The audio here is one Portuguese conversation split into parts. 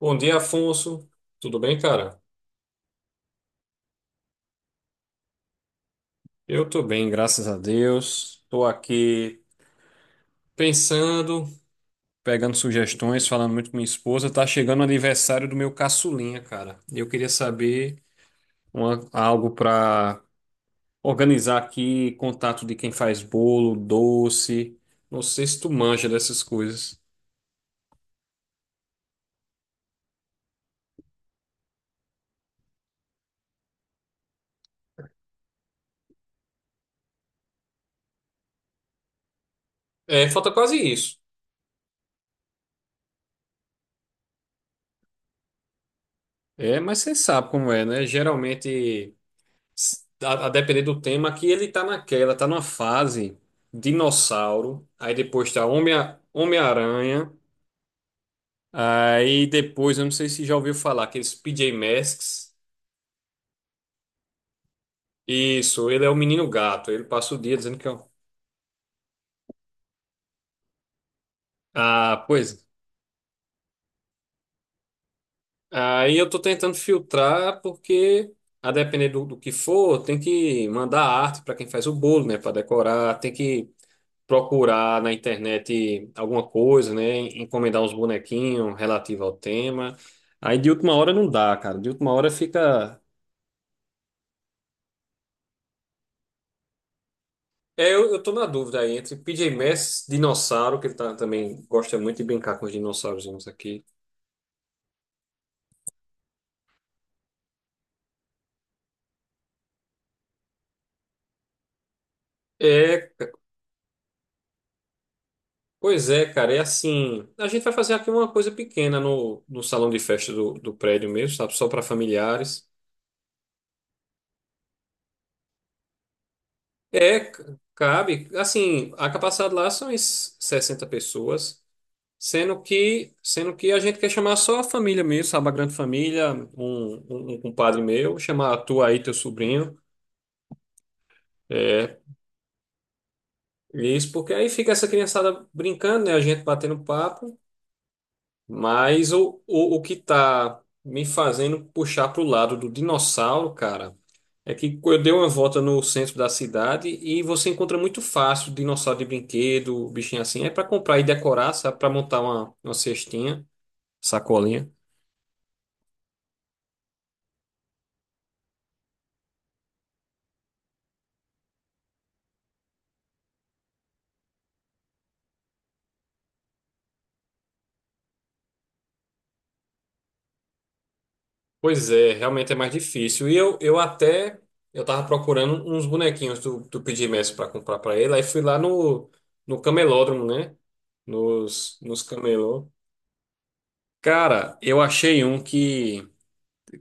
Bom dia, Afonso. Tudo bem, cara? Eu tô bem, graças a Deus. Tô aqui pensando, pegando sugestões, falando muito com minha esposa. Tá chegando o aniversário do meu caçulinha, cara. E eu queria saber algo pra organizar aqui, contato de quem faz bolo, doce. Não sei se tu manja dessas coisas. É, falta quase isso. É, mas você sabe como é, né? Geralmente. A depender do tema, que ele tá naquela, tá numa fase dinossauro, aí depois tá Homem, Homem-Aranha, aí depois, eu não sei se já ouviu falar, aqueles PJ Masks. Isso, ele é o menino gato, ele passa o dia dizendo que é. Ah, pois. Aí eu tô tentando filtrar, porque a depender do que for, tem que mandar arte para quem faz o bolo, né, para decorar, tem que procurar na internet alguma coisa, né? Encomendar uns bonequinhos relativo ao tema. Aí de última hora não dá, cara. De última hora fica. É, eu tô na dúvida aí entre PJ Masks, dinossauro, que ele tá, também gosta muito de brincar com os dinossaurozinhos aqui. É, pois é, cara, é assim. A gente vai fazer aqui uma coisa pequena no salão de festa do prédio mesmo, sabe? Só para familiares. É, cabe. Assim, a capacidade lá são 60 pessoas. Sendo que a gente quer chamar só a família mesmo, sabe? A grande família, um compadre meu, chamar tu aí, teu sobrinho. É, isso, porque aí fica essa criançada brincando, né? A gente batendo papo. Mas o que tá me fazendo puxar pro lado do dinossauro, cara, é que eu dei uma volta no centro da cidade e você encontra muito fácil dinossauro de brinquedo, bichinho assim. É para comprar e decorar, sabe? Para montar uma cestinha, sacolinha. Pois é, realmente é mais difícil. E eu tava procurando uns bonequinhos do PJ Masks para comprar para ele. Aí fui lá no camelódromo, né? Nos camelô. Cara, eu achei um que,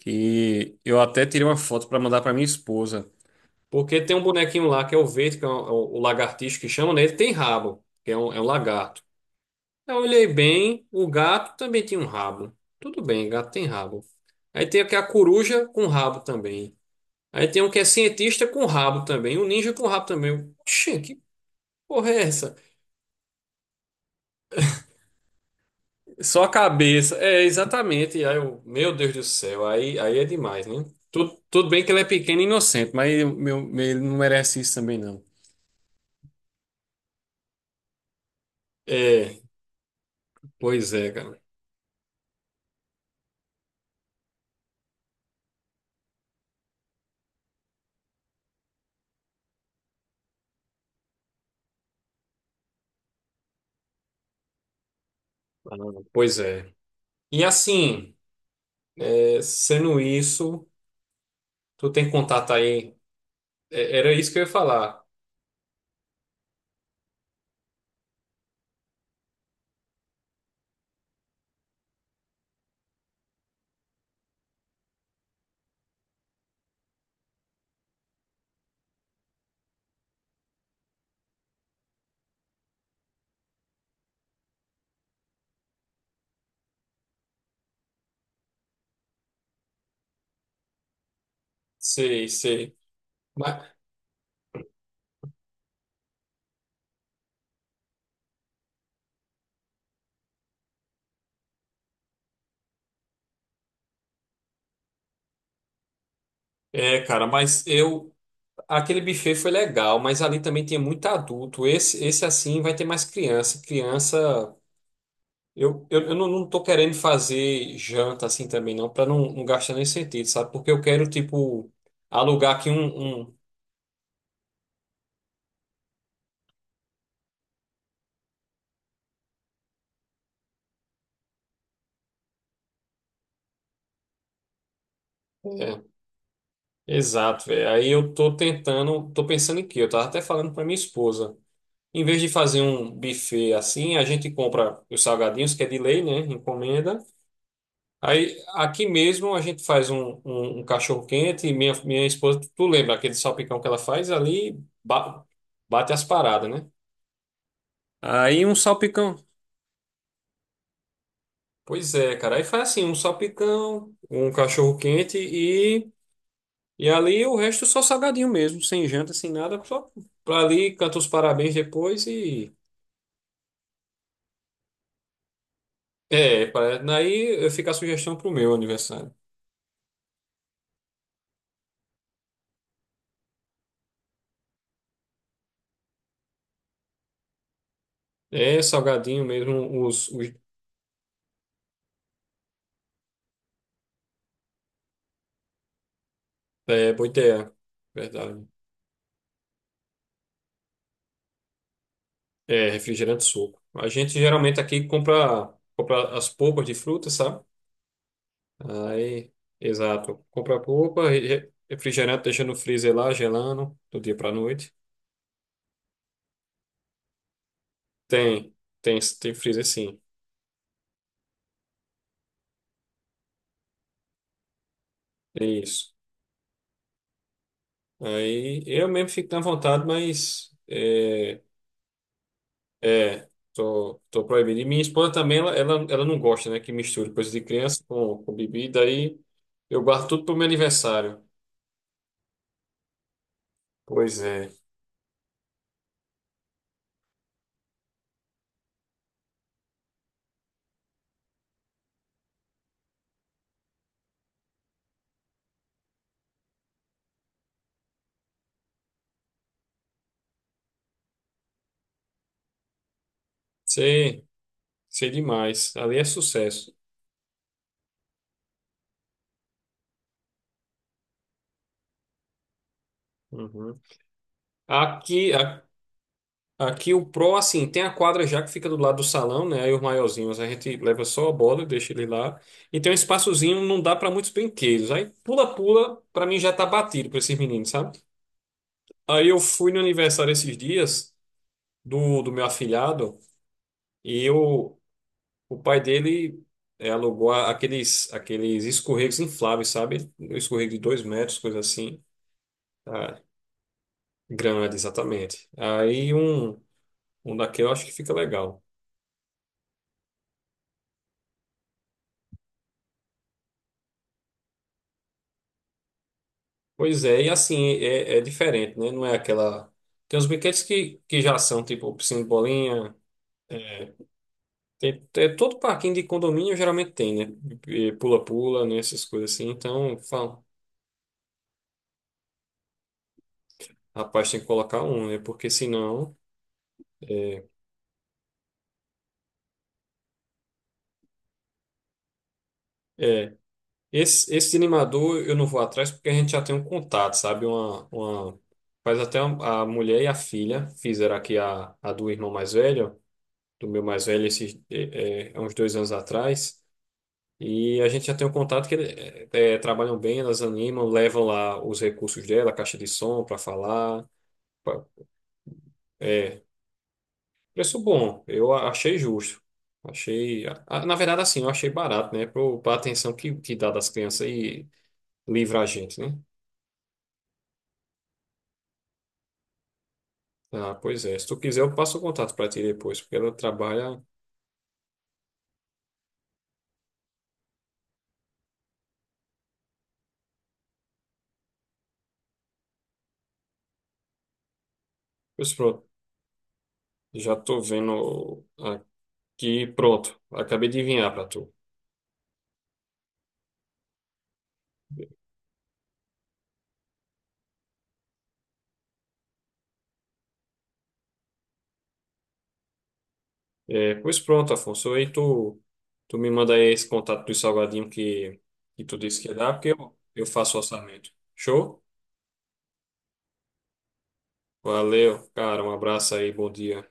que eu até tirei uma foto para mandar para minha esposa. Porque tem um bonequinho lá que é o verde, que é o lagartixo que chama, né? Ele tem rabo, que é é um lagarto. Eu olhei bem, o gato também tinha um rabo. Tudo bem, gato tem rabo. Aí tem aqui a coruja com rabo também. Aí tem um que é cientista com rabo também, um ninja com rabo também. Eu, Oxê, que porra é essa? Só a cabeça. É, exatamente. E aí eu, meu Deus do céu, aí é demais, né? Tudo bem que ele é pequeno e inocente, mas ele não merece isso também, não. É, pois é, cara. Ah, pois é. E assim, é, sendo isso, tu tem contato aí. É, era isso que eu ia falar. Sei, sei. Mas, é, cara, mas eu. Aquele buffet foi legal, mas ali também tinha muito adulto. Esse assim vai ter mais criança. Criança, eu não, não tô querendo fazer janta assim também, não, para não gastar nem sentido, sabe? Porque eu quero, tipo, alugar aqui é, exato, velho. Aí eu tô tentando, tô pensando em quê? Eu tava até falando pra minha esposa. Em vez de fazer um buffet assim, a gente compra os salgadinhos, que é de lei, né? Encomenda. Aí, aqui mesmo a gente faz um cachorro quente e minha esposa, tu lembra aquele salpicão que ela faz ali, ba- bate as paradas, né? Aí um salpicão. Pois é, cara. Aí faz assim, um salpicão, um cachorro quente e ali o resto só salgadinho mesmo, sem janta, sem nada, só pra ali, canta os parabéns depois e... É, daí fica a sugestão pro meu aniversário. É salgadinho mesmo, os é, boiteia, verdade. É, refrigerante suco. A gente geralmente aqui compra, compra as polpas de fruta, sabe? Aí, exato. Compra a polpa, refrigerante deixa no freezer lá, gelando, do dia pra noite. Tem, tem freezer sim. É isso. Aí eu mesmo fico na vontade, mas é tô, tô proibido. E minha esposa também, ela não gosta, né, que misture coisa de criança com bebida. Aí eu guardo tudo pro meu aniversário. Pois é. Sei. Sei demais. Ali é sucesso. Uhum. Aqui, a- aqui o pro, assim, tem a quadra já que fica do lado do salão, né? Aí os maiorzinhos a gente leva só a bola, deixa ele lá. E tem um espaçozinho, não dá para muitos brinquedos. Aí pula-pula, para mim já tá batido para esses meninos, sabe? Aí eu fui no aniversário esses dias do meu afilhado e eu, o pai dele é, alugou aqueles, aqueles escorregos infláveis, sabe? Um escorrego de 2 metros, coisa assim. Ah, grande, exatamente. Aí um daquele eu acho que fica legal. Pois é, e assim, é diferente, né? Não é aquela. Tem uns brinquedos que já são, tipo, piscina de bolinha. Tem, é, todo parquinho de condomínio geralmente tem, né? E pula-pula, né? Essas coisas assim. Então, fala, rapaz, tem que colocar um, né? Porque senão. É, é. Esse animador eu não vou atrás porque a gente já tem um contato, sabe? Faz até a mulher e a filha fizeram aqui a do irmão mais velho. Do meu mais velho esses, há uns 2 anos atrás. E a gente já tem um contato que trabalham bem, elas animam, levam lá os recursos dela, a caixa de som para falar. Pa- Preço bom, achei justo. Achei, na verdade, assim, eu achei barato, né? Para a atenção que dá das crianças e livra a gente, né? Ah, pois é. Se tu quiser, eu passo o contato para ti depois, porque ela trabalha. Pois pronto, já tô vendo aqui, pronto. Acabei de enviar para tu. É, pois pronto, Afonso. Aí tu, tu me manda aí esse contato do salgadinho que tu disse que ia dar, porque eu faço orçamento. Show? Valeu, cara. Um abraço aí, bom dia.